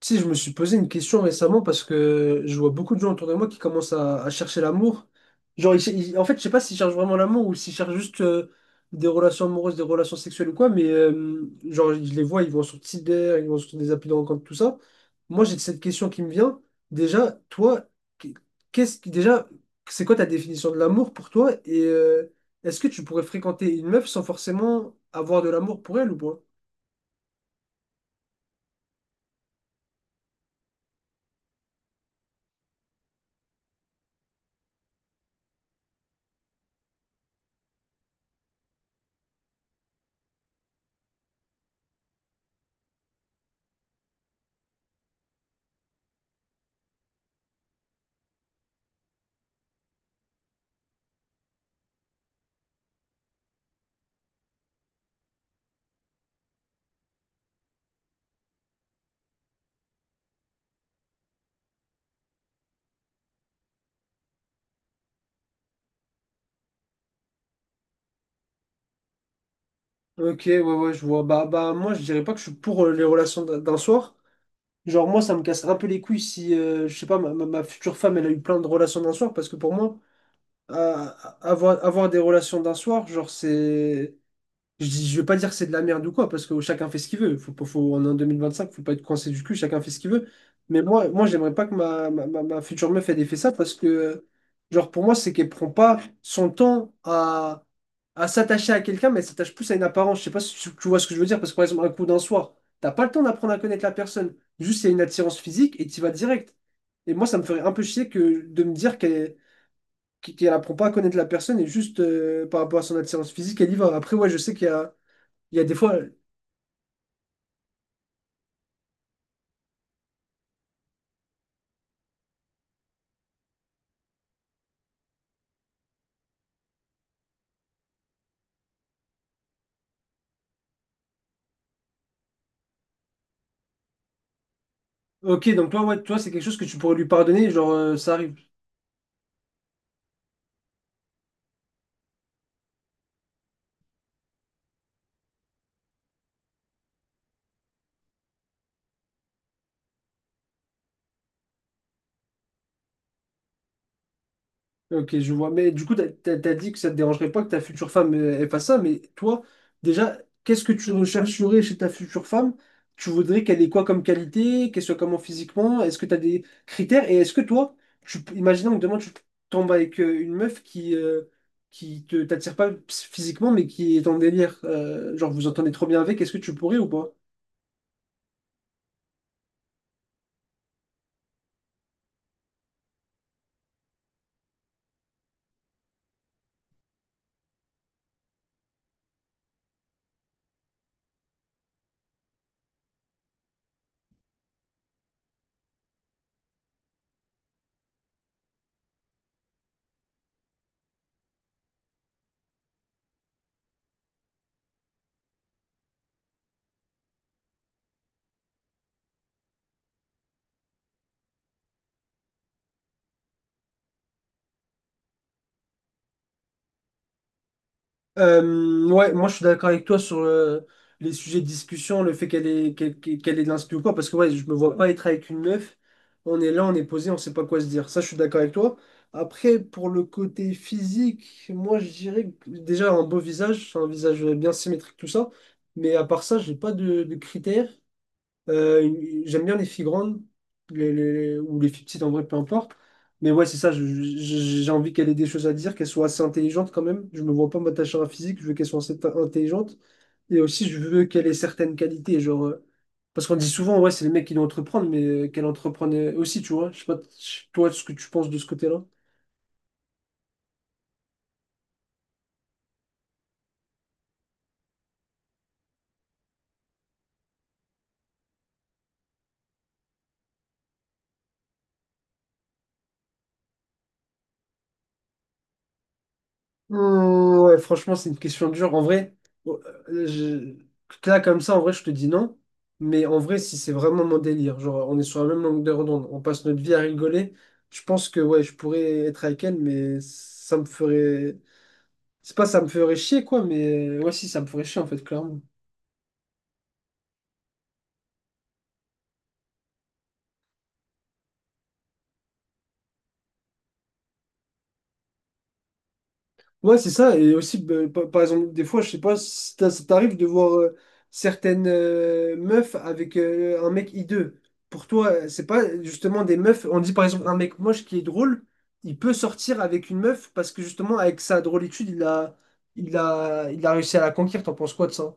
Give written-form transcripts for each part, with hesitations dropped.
Tu sais, je me suis posé une question récemment parce que je vois beaucoup de gens autour de moi qui commencent à chercher l'amour. Genre, je sais pas s'ils cherchent vraiment l'amour ou s'ils cherchent juste des relations amoureuses, des relations sexuelles ou quoi, mais genre, je les vois, ils vont sur Tinder, ils vont sur des applis de rencontre, tout ça. Moi, j'ai cette question qui me vient. Déjà, toi, qu'est-ce qui, déjà, c'est quoi ta définition de l'amour pour toi? Est-ce que tu pourrais fréquenter une meuf sans forcément avoir de l'amour pour elle ou pas? Ok, ouais, ouais, je vois. Moi, je dirais pas que je suis pour les relations d'un soir. Genre, moi, ça me casse un peu les couilles si, je sais pas, ma future femme, elle a eu plein de relations d'un soir, parce que pour moi, euh, avoir des relations d'un soir, genre, c'est. Je dis, je vais pas dire que c'est de la merde ou quoi, parce que chacun fait ce qu'il veut. Faut, pas- faut, on est en 2025, faut pas être coincé du cul, chacun fait ce qu'il veut. Mais moi, j'aimerais pas que ma future meuf, elle ait fait ça, parce que, genre, pour moi, c'est qu'elle prend pas son temps à s'attacher à quelqu'un, mais elle s'attache plus à une apparence. Je sais pas si tu vois ce que je veux dire, parce que par exemple, un coup d'un soir, t'as pas le temps d'apprendre à connaître la personne. Juste, il y a une attirance physique et tu vas direct. Et moi, ça me ferait un peu chier que de me dire qu'elle apprend pas à connaître la personne et juste par rapport à son attirance physique, elle y va. Après, ouais, je sais il y a des fois. Ok, donc toi, ouais, toi, c'est quelque chose que tu pourrais lui pardonner, genre, ça arrive. Ok, je vois. Mais du coup, t'as dit que ça te dérangerait pas que ta future femme ait pas ça, mais toi, déjà, qu'est-ce que tu rechercherais chez ta future femme? Tu voudrais qu'elle ait quoi comme qualité, qu'elle soit comment physiquement? Est-ce que t'as des critères? Et est-ce que toi, tu, imaginons que demain tu tombes avec une meuf qui te t'attire pas physiquement, mais qui est en délire, genre vous entendez trop bien avec, est-ce que tu pourrais ou pas? Ouais, moi je suis d'accord avec toi sur les sujets de discussion, le fait qu'elle ait de l'inspi ou quoi, parce que ouais, je me vois pas être avec une meuf. On est là, on est posé, on sait pas quoi se dire. Ça, je suis d'accord avec toi. Après, pour le côté physique, moi je dirais que déjà un beau visage, un visage bien symétrique, tout ça. Mais à part ça, j'ai pas de critères. J'aime bien les filles grandes, ou les filles petites en vrai, peu importe. Mais ouais, c'est ça, j'ai envie qu'elle ait des choses à dire, qu'elle soit assez intelligente quand même. Je me vois pas m'attacher à un physique, je veux qu'elle soit intelligente. Et aussi, je veux qu'elle ait certaines qualités, genre... Parce qu'on dit souvent, ouais, c'est les mecs qui doivent entreprendre, mais qu'elle entreprenne aussi, tu vois. Je sais pas, toi, ce que tu penses de ce côté-là. Ouais, franchement, c'est une question dure. En vrai, oh, euh, je- là, comme ça, en vrai, je te dis non. Mais en vrai, si c'est vraiment mon délire, genre, on est sur la même longueur d'onde, on passe notre vie à rigoler, je pense que, ouais, je pourrais être avec elle, mais ça me ferait. C'est pas ça me ferait chier, quoi, mais ouais, si, ça me ferait chier, en fait, clairement. Ouais, c'est ça. Et aussi, bah, par exemple, des fois, je sais pas, si t'as- ça t'arrive de voir certaines meufs avec un mec hideux. Pour toi, c'est pas justement des meufs. On dit par exemple un mec moche qui est drôle, il peut sortir avec une meuf parce que justement, avec sa drôlitude, il a réussi à la conquérir. T'en penses quoi de ça?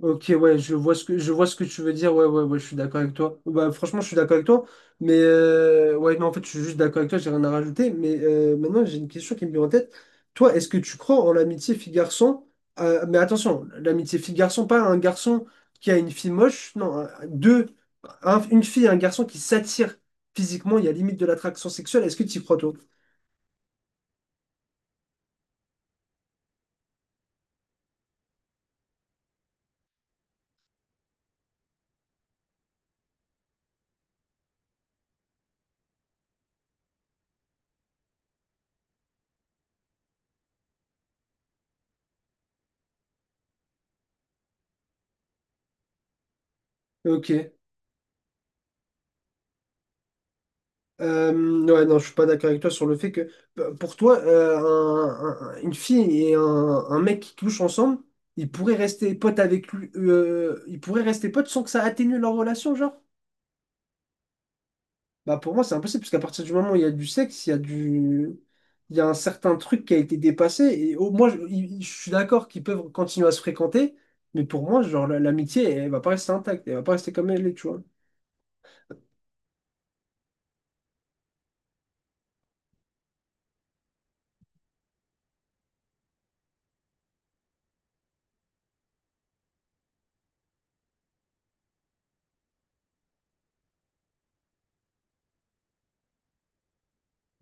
Ok, ouais, je vois ce que, je vois ce que tu veux dire. Ouais, ouais, ouais, je suis d'accord avec toi. Bah, franchement, je suis d'accord avec toi. Mais ouais, non, en fait, je suis juste d'accord avec toi, j'ai rien à rajouter. Mais maintenant, j'ai une question qui me vient en tête. Toi, est-ce que tu crois en l'amitié fille-garçon? Mais attention, l'amitié fille-garçon, pas un garçon qui a une fille moche. Non, deux, une fille et un garçon qui s'attirent physiquement, il y a limite de l'attraction sexuelle. Est-ce que tu y crois, toi? Ok. Euh, ouais, non, je suis pas d'accord avec toi sur le fait que pour toi, une fille et un mec qui couchent ensemble, ils pourraient rester potes avec lui, ils pourraient rester potes sans que ça atténue leur relation, genre? Bah pour moi, c'est impossible, parce qu'à partir du moment où il y a du sexe, il y a un certain truc qui a été dépassé. Et au moi, je, il- Je suis d'accord qu'ils peuvent continuer à se fréquenter, mais pour moi, genre l'amitié, elle, va pas rester intacte, elle va pas rester comme elle est, tu vois.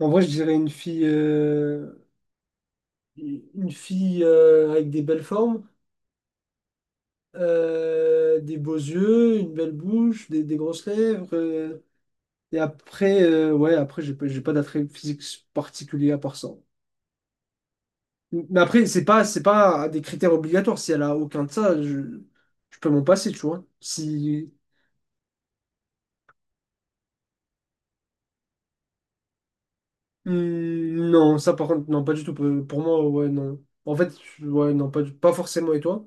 En vrai, je dirais une fille avec des belles formes. Des beaux yeux, une belle bouche, des grosses lèvres. Et après, ouais, après, j'ai pas d'attrait physique particulier à part ça. Mais après, c'est pas des critères obligatoires. Si elle a aucun de ça, je peux m'en passer, tu vois. Si, Hmm, non, ça par contre, non, pas du tout. Pour moi, ouais, non. En fait, ouais, non, pas forcément. Et toi?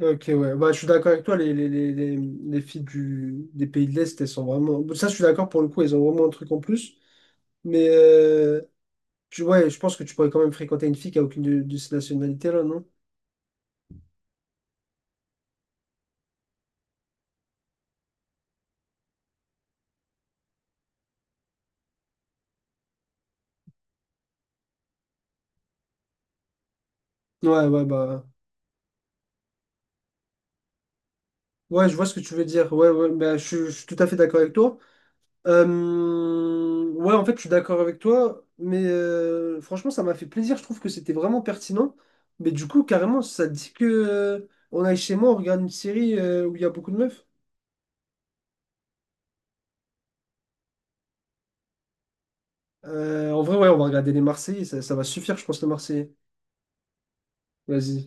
Ok, ouais. Bah, je suis d'accord avec toi. Les filles des pays de l'Est, elles sont vraiment. Ça, je suis d'accord pour le coup, elles ont vraiment un truc en plus. Mais ouais, je pense que tu pourrais quand même fréquenter une fille qui a aucune de ces nationalités-là, non? Ouais, ouais, bah. Ouais, je vois ce que tu veux dire. Ouais, ouais, bah, je suis tout à fait d'accord avec toi. Ouais, en fait, je suis d'accord avec toi, mais franchement, ça m'a fait plaisir. Je trouve que c'était vraiment pertinent. Mais du coup, carrément, ça dit que on aille chez moi, on regarde une série où il y a beaucoup de meufs. En vrai, ouais, on va regarder les Marseillais. Ça va suffire, je pense, les Marseillais. Vas-y.